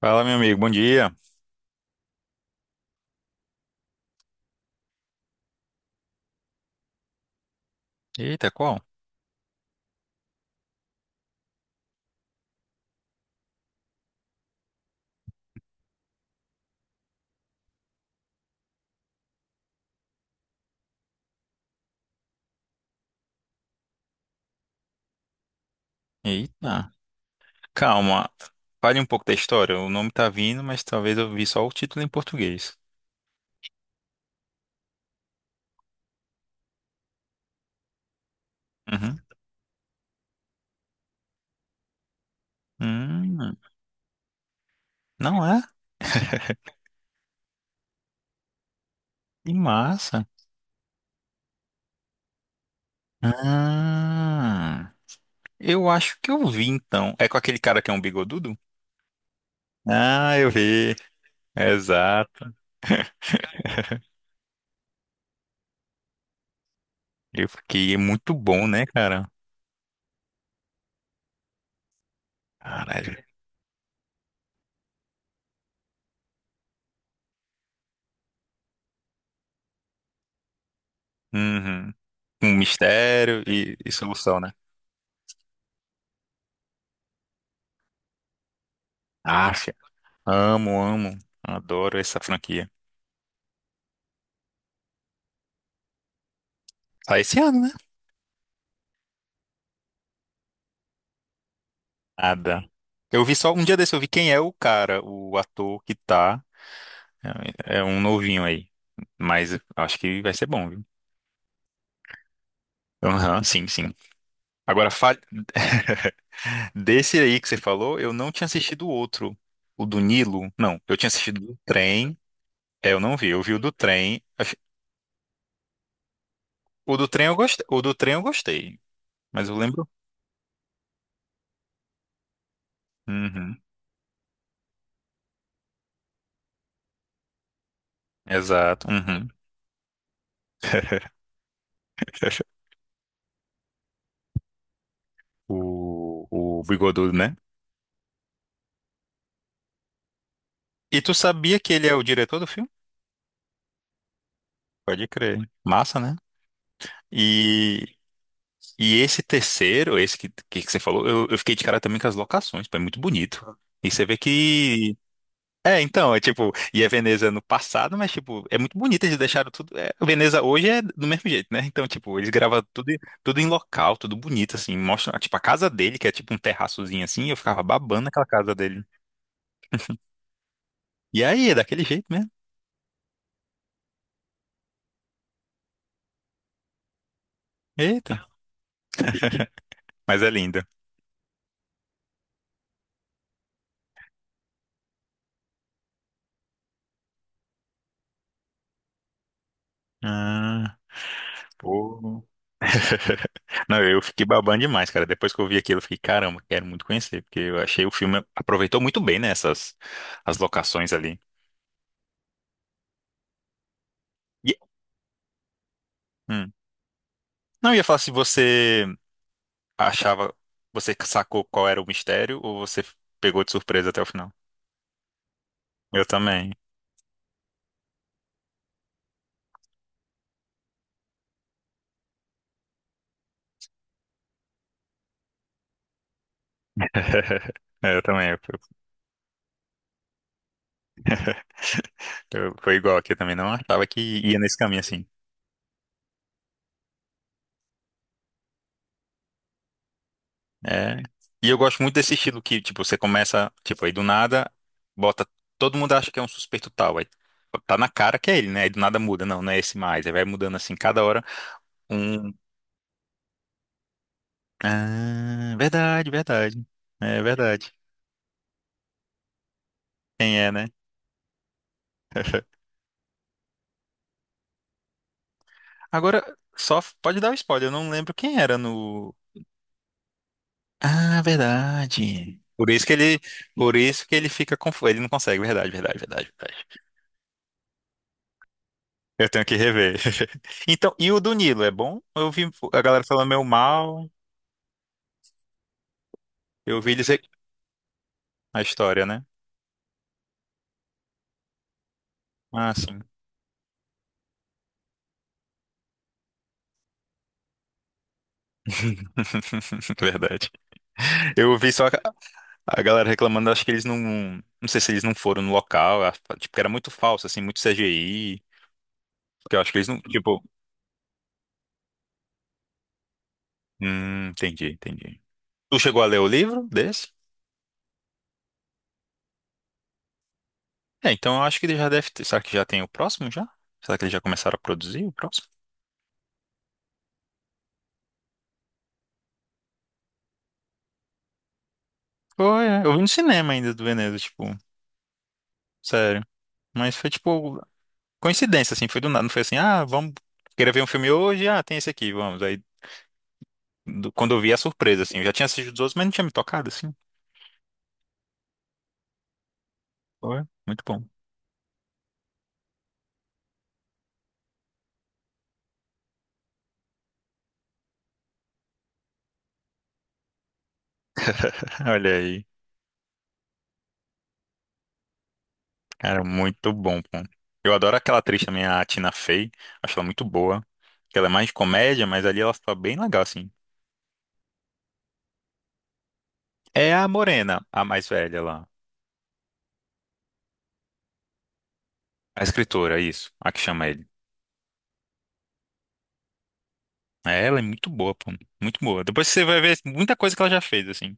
Fala, meu amigo, bom dia. Eita, qual? Eita, calma. Fale um pouco da história. O nome tá vindo, mas talvez eu vi só o título em português. Uhum. Hum, não é? Que massa. Ah, eu acho que eu vi então. É com aquele cara que é um bigodudo? Ah, eu vi. Exato. Eu fiquei é muito bom, né, cara? Caralho. Uhum. Um mistério e solução, né? Acha. Amo, amo. Adoro essa franquia. Sai esse ano, né? Nada. Eu vi só um dia desse, eu vi quem é o cara, o ator que tá. É um novinho aí. Mas acho que vai ser bom, viu? Aham, sim, sim. Agora, desse aí que você falou, eu não tinha assistido o outro. O do Nilo. Não, eu tinha assistido o do trem. É, eu não vi. Eu vi o do trem. O do trem eu gostei. O do trem eu gostei. Mas eu lembro. Uhum, exato. Uhum. O, o Bigodudo, né? E tu sabia que ele é o diretor do filme? Pode crer. Massa, né? E, e esse terceiro, esse que você falou, eu fiquei de cara também com as locações, pô, é muito bonito. E você vê que. É, então, é tipo, e a Veneza no passado, mas tipo, é muito bonito, eles deixaram tudo. É, a Veneza hoje é do mesmo jeito, né? Então, tipo, eles gravam tudo, tudo em local, tudo bonito, assim. Mostra, tipo, a casa dele, que é tipo um terraçozinho assim, eu ficava babando naquela casa dele. E aí, é daquele jeito mesmo. Eita, mas é linda. Ah, pô. Não, eu fiquei babando demais, cara. Depois que eu vi aquilo, eu fiquei, caramba, quero muito conhecer, porque eu achei o filme aproveitou muito bem, né, essas as locações ali. E- hum. Não, eu ia falar se você achava, você sacou qual era o mistério ou você pegou de surpresa até o final. Eu também. Eu também. Foi igual aqui eu também. Não achava que ia nesse caminho assim. É. E eu gosto muito desse estilo que, tipo, você começa, tipo, aí do nada, bota. Todo mundo acha que é um suspeito tal. Aí tá na cara que é ele, né? Aí do nada muda. Não, não é esse mais. Aí vai mudando assim, cada hora um. Ah, verdade, verdade. É verdade. Quem é, né? Agora, só pode dar o spoiler, eu não lembro quem era no. Ah, verdade. Por isso que ele. Por isso que ele fica confuso. Ele não consegue, verdade, verdade, verdade, verdade. Eu tenho que rever. Então, e o do Nilo, é bom? Eu vi a galera falando meio mal, eu ouvi dizer a história, né? Ah, sim. Verdade. Eu ouvi só a galera reclamando, acho que eles não. Não sei se eles não foram no local, tipo, que era muito falso, assim, muito CGI. Que eu acho que eles não. Tipo. Entendi, entendi. Tu chegou a ler o livro desse? É, então eu acho que ele já deve ter. Será que já tem o próximo já? Será que eles já começaram a produzir o próximo? Foi, é. Eu vi no cinema ainda do Veneza, tipo. Sério. Mas foi tipo coincidência, assim, foi do nada. Não foi assim, ah, vamos querer ver um filme hoje, ah, tem esse aqui, vamos. Aí quando eu vi a surpresa, assim, eu já tinha assistido os outros, mas não tinha me tocado, assim. Foi muito bom. Olha aí, cara, muito bom, pô. Eu adoro aquela atriz também, a Tina Fey, acho ela muito boa. Ela é mais de comédia, mas ali ela tá bem legal, assim. É a Morena, a mais velha lá. A escritora, isso, a que chama ele. É, ela é muito boa, pô. Muito boa. Depois você vai ver muita coisa que ela já fez, assim.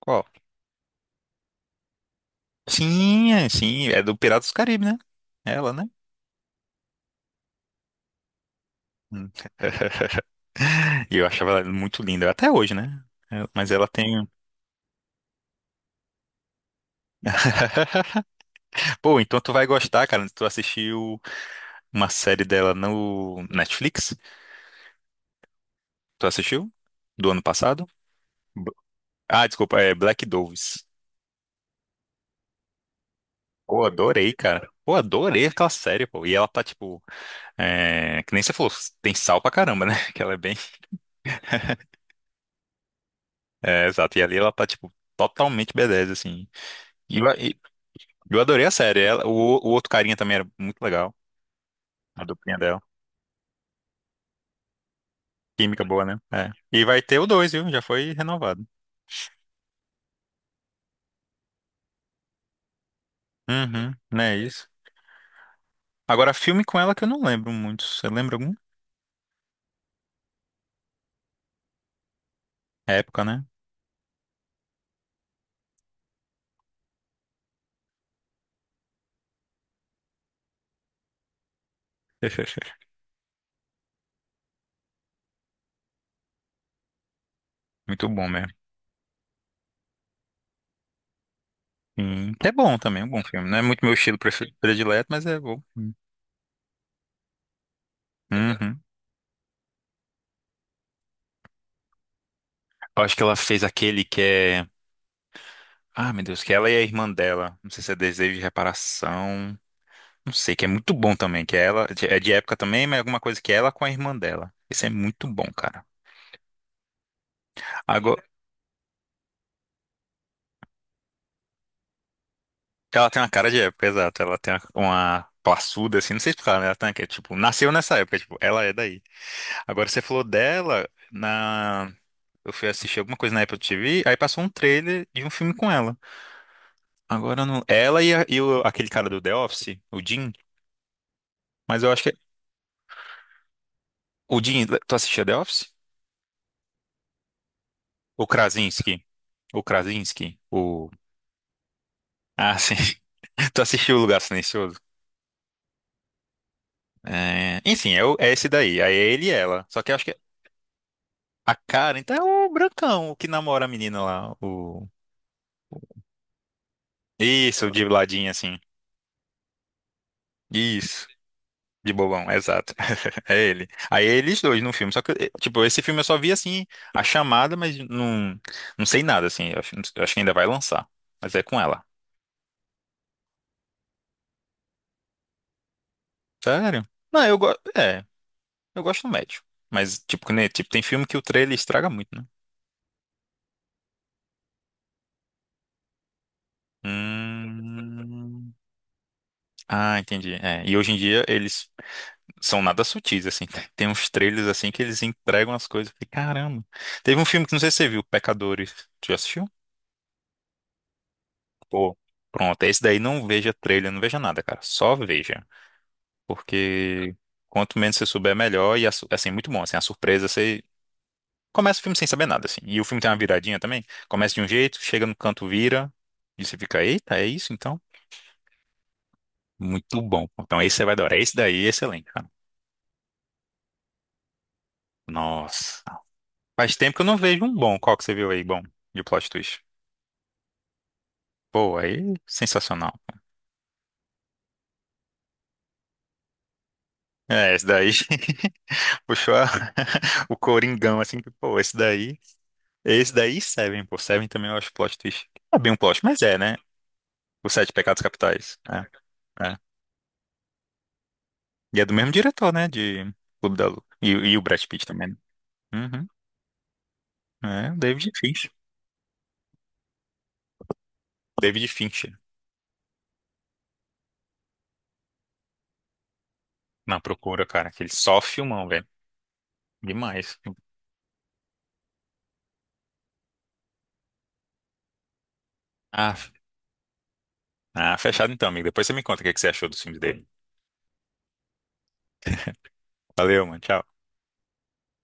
Qual? Sim, sim, é do Piratas do Caribe, né? Ela, né? Hum. E eu achava ela muito linda, até hoje, né? É, Mas ela tem. Pô, então tu vai gostar, cara. Tu assistiu uma série dela no Netflix? Tu assistiu? Do ano passado? B- Ah, desculpa, é Black Doves. Pô, adorei, cara. Pô, adorei aquela série, pô. E ela tá, tipo, é, que nem você falou, tem sal pra caramba, né? Que ela é bem. É, exato. E ali ela tá, tipo, totalmente b assim. Eu adorei a série. Ela, o outro carinha também era muito legal. A duplinha dela. Química boa, né? É. E vai ter o dois, viu? Já foi renovado. Uhum, né? Isso. Agora, filme com ela que eu não lembro muito. Você lembra algum? Época, né? Muito bom mesmo. Sim. É bom também, é um bom filme. Não é muito meu estilo predileto, mas é bom. Uhum. Eu acho que ela fez aquele que é. Ah, meu Deus, que ela e a irmã dela. Não sei se é Desejo de Reparação. Não sei, que é muito bom também, que é ela é de época também, mas é alguma coisa que é ela com a irmã dela. Esse é muito bom, cara. Agora, ela tem uma cara de época, exato. Ela tem uma passuda, assim, não sei explicar, né? Ela tem, que, é, tipo, nasceu nessa época, tipo, ela é daí. Agora, você falou dela na... Eu fui assistir alguma coisa na Apple TV, aí passou um trailer de um filme com ela. Agora, eu não... ela e, aquele cara do The Office, o Jim, mas eu acho que... O Jim, tu assistia The Office? O Krasinski. O Krasinski, o... Ah, sim. Tu assistiu O Lugar Silencioso? É, Enfim, é, é esse daí. Aí é ele e ela. Só que eu acho que a Karen tá é o brancão, o que namora a menina lá. O... Isso, o de ladinho, assim. Isso. De bobão, exato. É ele. Aí é eles dois no filme. Só que, eh, tipo, esse filme eu só vi, assim, a chamada, mas não, não sei nada, assim. Eu acho que ainda vai lançar. Mas é com ela. Sério? Não, eu gosto. É, eu gosto do médio. Mas, tipo, né, tipo, tem filme que o trailer estraga muito, né? Hum. Ah, entendi. É, e hoje em dia eles são nada sutis, assim. Tem uns trailers assim que eles entregam as coisas. Eu falei, caramba. Teve um filme que não sei se você viu, Pecadores. Tu já assistiu? Pô, pronto. Esse daí não veja trailer, não veja nada, cara. Só veja. Porque quanto menos você souber, melhor. E a assim, muito bom. Assim, a surpresa, você começa o filme sem saber nada, assim. E o filme tem uma viradinha também. Começa de um jeito, chega no canto, vira. E você fica, eita, é isso então? Muito bom. Então esse você vai adorar. Esse daí é excelente, cara. Nossa. Faz tempo que eu não vejo um bom. Qual que você viu aí, bom, de plot twist? Pô, aí, sensacional. É, esse daí puxou o Coringão, assim, que, pô, esse daí e Seven, pô, Seven também eu acho plot twist. Não é bem um plot, mas é, né? Os Sete Pecados Capitais. É, é. E é do mesmo diretor, né, de Clube da Luta. E o Brad Pitt também, né? Uhum. É, o David Fincher. David Fincher. Na procura, cara, aquele só filmão, velho. Demais. Ah, f- ah, fechado então, amigo. Depois você me conta o que que você achou dos filmes dele. Valeu, mano. Tchau.